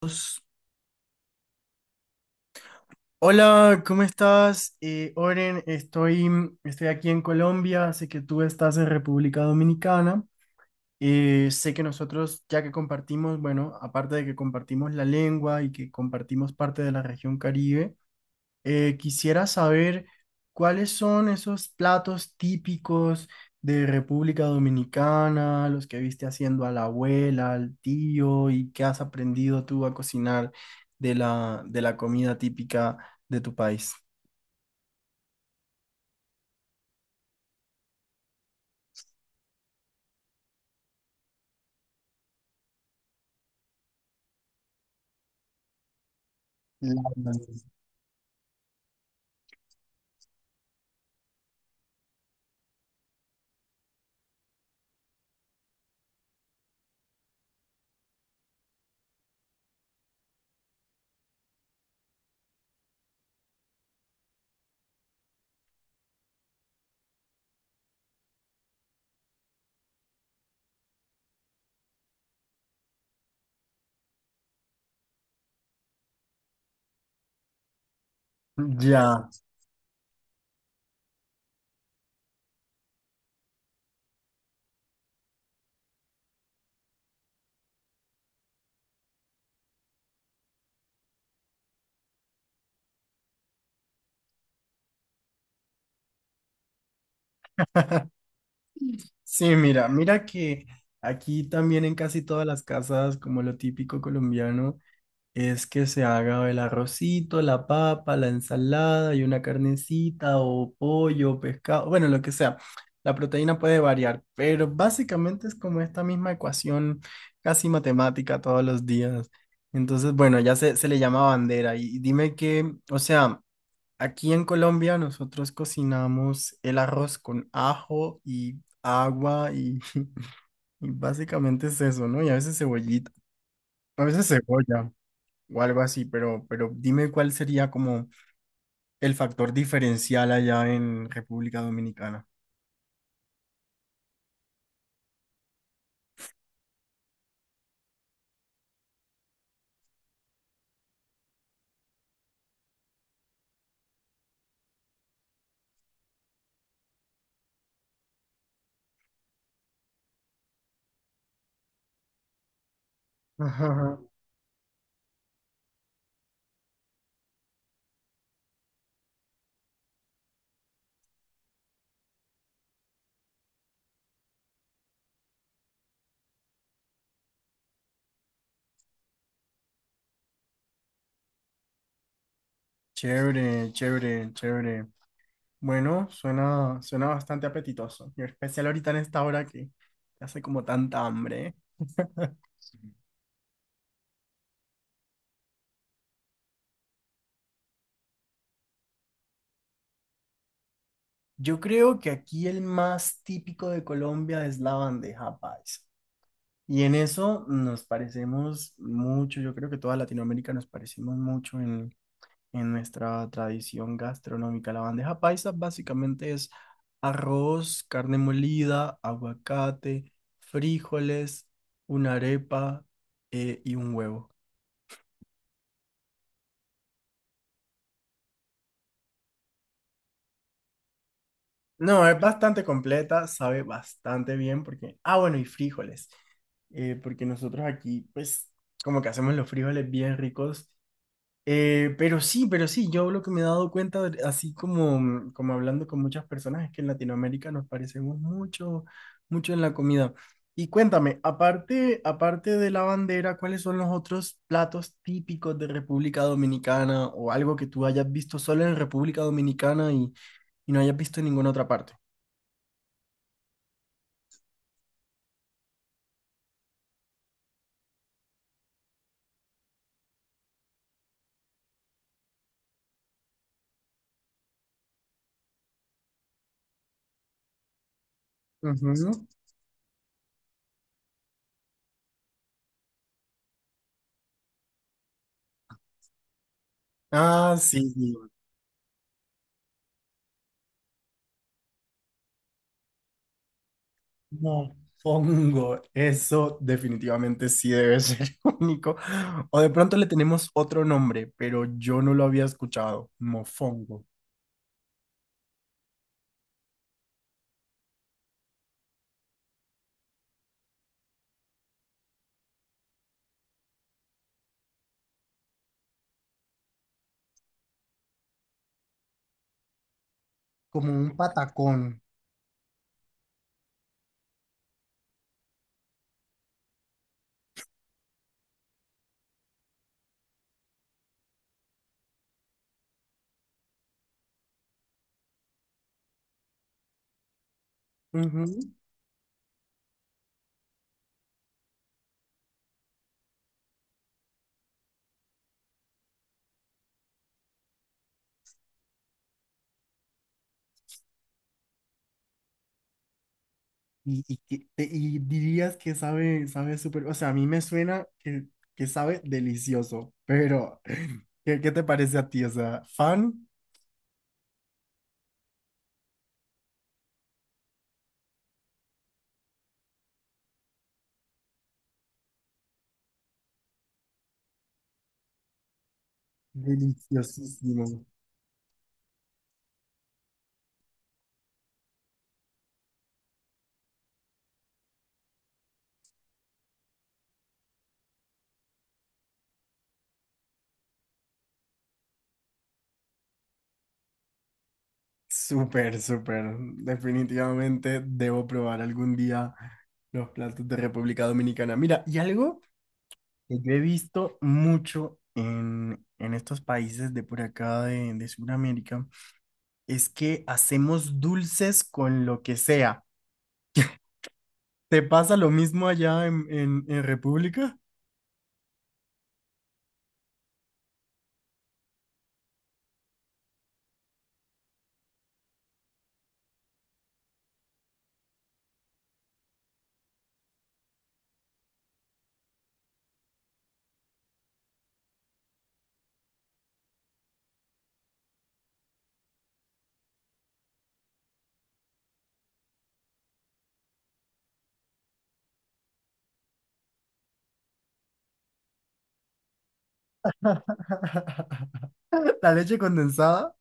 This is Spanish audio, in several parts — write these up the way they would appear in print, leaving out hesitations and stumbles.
Pues, hola, ¿cómo estás? Oren, estoy aquí en Colombia, sé que tú estás en República Dominicana. Sé que nosotros ya que compartimos, bueno, aparte de que compartimos la lengua y que compartimos parte de la región Caribe, quisiera saber cuáles son esos platos típicos de República Dominicana, los que viste haciendo a la abuela, al tío, y qué has aprendido tú a cocinar de la comida típica de tu país. Mm. Ya, sí, mira, mira que aquí también en casi todas las casas, como lo típico colombiano, es que se haga el arrocito, la papa, la ensalada y una carnecita o pollo, pescado, bueno, lo que sea. La proteína puede variar, pero básicamente es como esta misma ecuación casi matemática todos los días. Entonces, bueno, ya se le llama bandera. Y dime que, o sea, aquí en Colombia nosotros cocinamos el arroz con ajo y agua y, y básicamente es eso, ¿no? Y a veces cebollita, a veces cebolla o algo así, pero dime cuál sería como el factor diferencial allá en República Dominicana. Ajá, ajá. Chévere, chévere, chévere. Bueno, suena, suena bastante apetitoso, y en especial ahorita en esta hora que hace como tanta hambre, ¿eh? Yo creo que aquí el más típico de Colombia es la bandeja paisa. Y en eso nos parecemos mucho, yo creo que toda Latinoamérica nos parecemos mucho en nuestra tradición gastronómica. La bandeja paisa básicamente es arroz, carne molida, aguacate, frijoles, una arepa y un huevo. No, es bastante completa, sabe bastante bien porque... Ah, bueno, y frijoles porque nosotros aquí, pues, como que hacemos los frijoles bien ricos. Pero sí, pero sí, yo lo que me he dado cuenta, así como, como hablando con muchas personas, es que en Latinoamérica nos parecemos mucho, mucho en la comida. Y cuéntame, aparte, aparte de la bandera, ¿cuáles son los otros platos típicos de República Dominicana o algo que tú hayas visto solo en República Dominicana y no hayas visto en ninguna otra parte? Ujú. Ah, sí. Mofongo, eso definitivamente sí debe ser único. O de pronto le tenemos otro nombre, pero yo no lo había escuchado. Mofongo. Como un patacón. Ujú. Y, y dirías que sabe, sabe súper, o sea, a mí me suena que sabe delicioso, pero ¿qué, qué te parece a ti? O sea, fan, deliciosísimo. Súper, súper. Definitivamente debo probar algún día los platos de República Dominicana. Mira, y algo que yo he visto mucho en estos países de por acá de Sudamérica es que hacemos dulces con lo que sea. ¿Te pasa lo mismo allá en República? La leche condensada.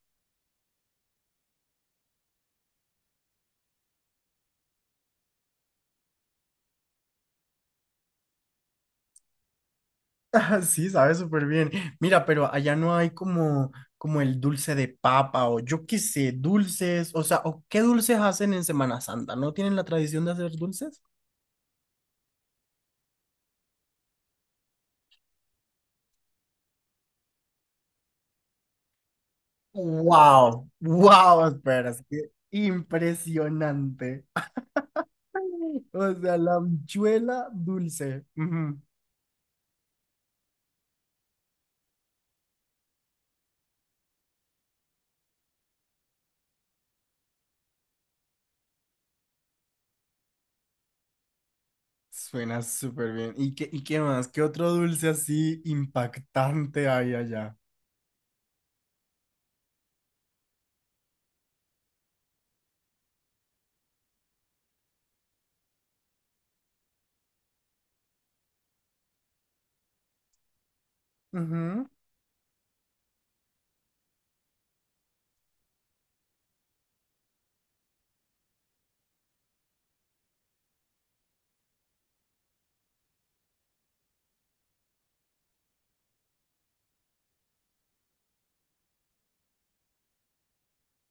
Sí, sabe súper bien. Mira, pero allá no hay como, como el dulce de papa o yo qué sé, dulces, o sea, o qué dulces hacen en Semana Santa, ¿no tienen la tradición de hacer dulces? Wow, wow, espera, es que impresionante. O sea, la habichuela dulce. Ujú. Suena súper bien. Y qué más? ¿Qué otro dulce así impactante hay allá? Ujú.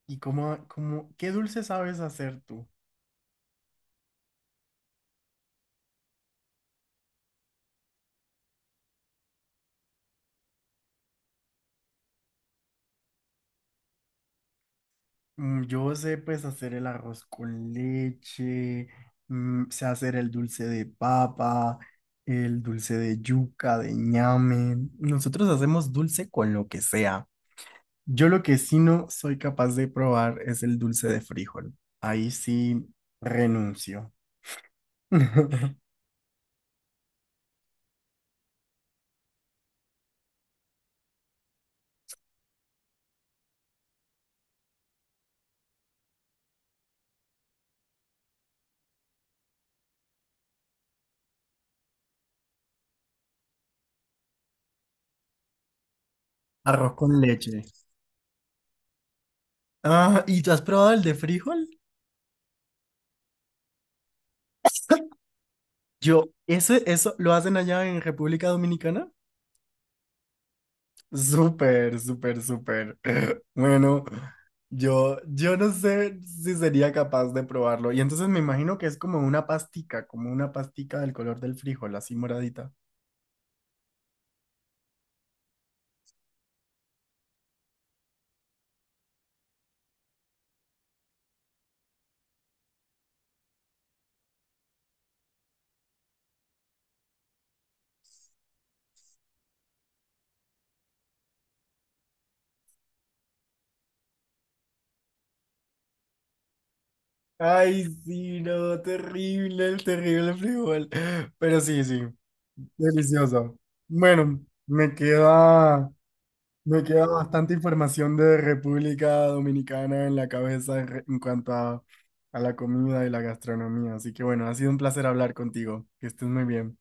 ¿Y cómo, cómo, qué dulce sabes hacer tú? Yo sé pues hacer el arroz con leche, sé hacer el dulce de papa, el dulce de yuca, de ñame. Nosotros hacemos dulce con lo que sea. Yo lo que sí no soy capaz de probar es el dulce de frijol. Ahí sí renuncio. Arroz con leche. Ah, ¿y tú has probado el de frijol? Yo, eso lo hacen allá en República Dominicana. Súper, súper, súper. Bueno, yo no sé si sería capaz de probarlo. Y entonces me imagino que es como una pastica del color del frijol, así moradita. Ay, sí, no, terrible, el terrible frijol. Pero sí, sí, delicioso. Bueno, me queda bastante información de República Dominicana en la cabeza en, en cuanto a la comida y la gastronomía. Así que bueno, ha sido un placer hablar contigo. Que estés muy bien.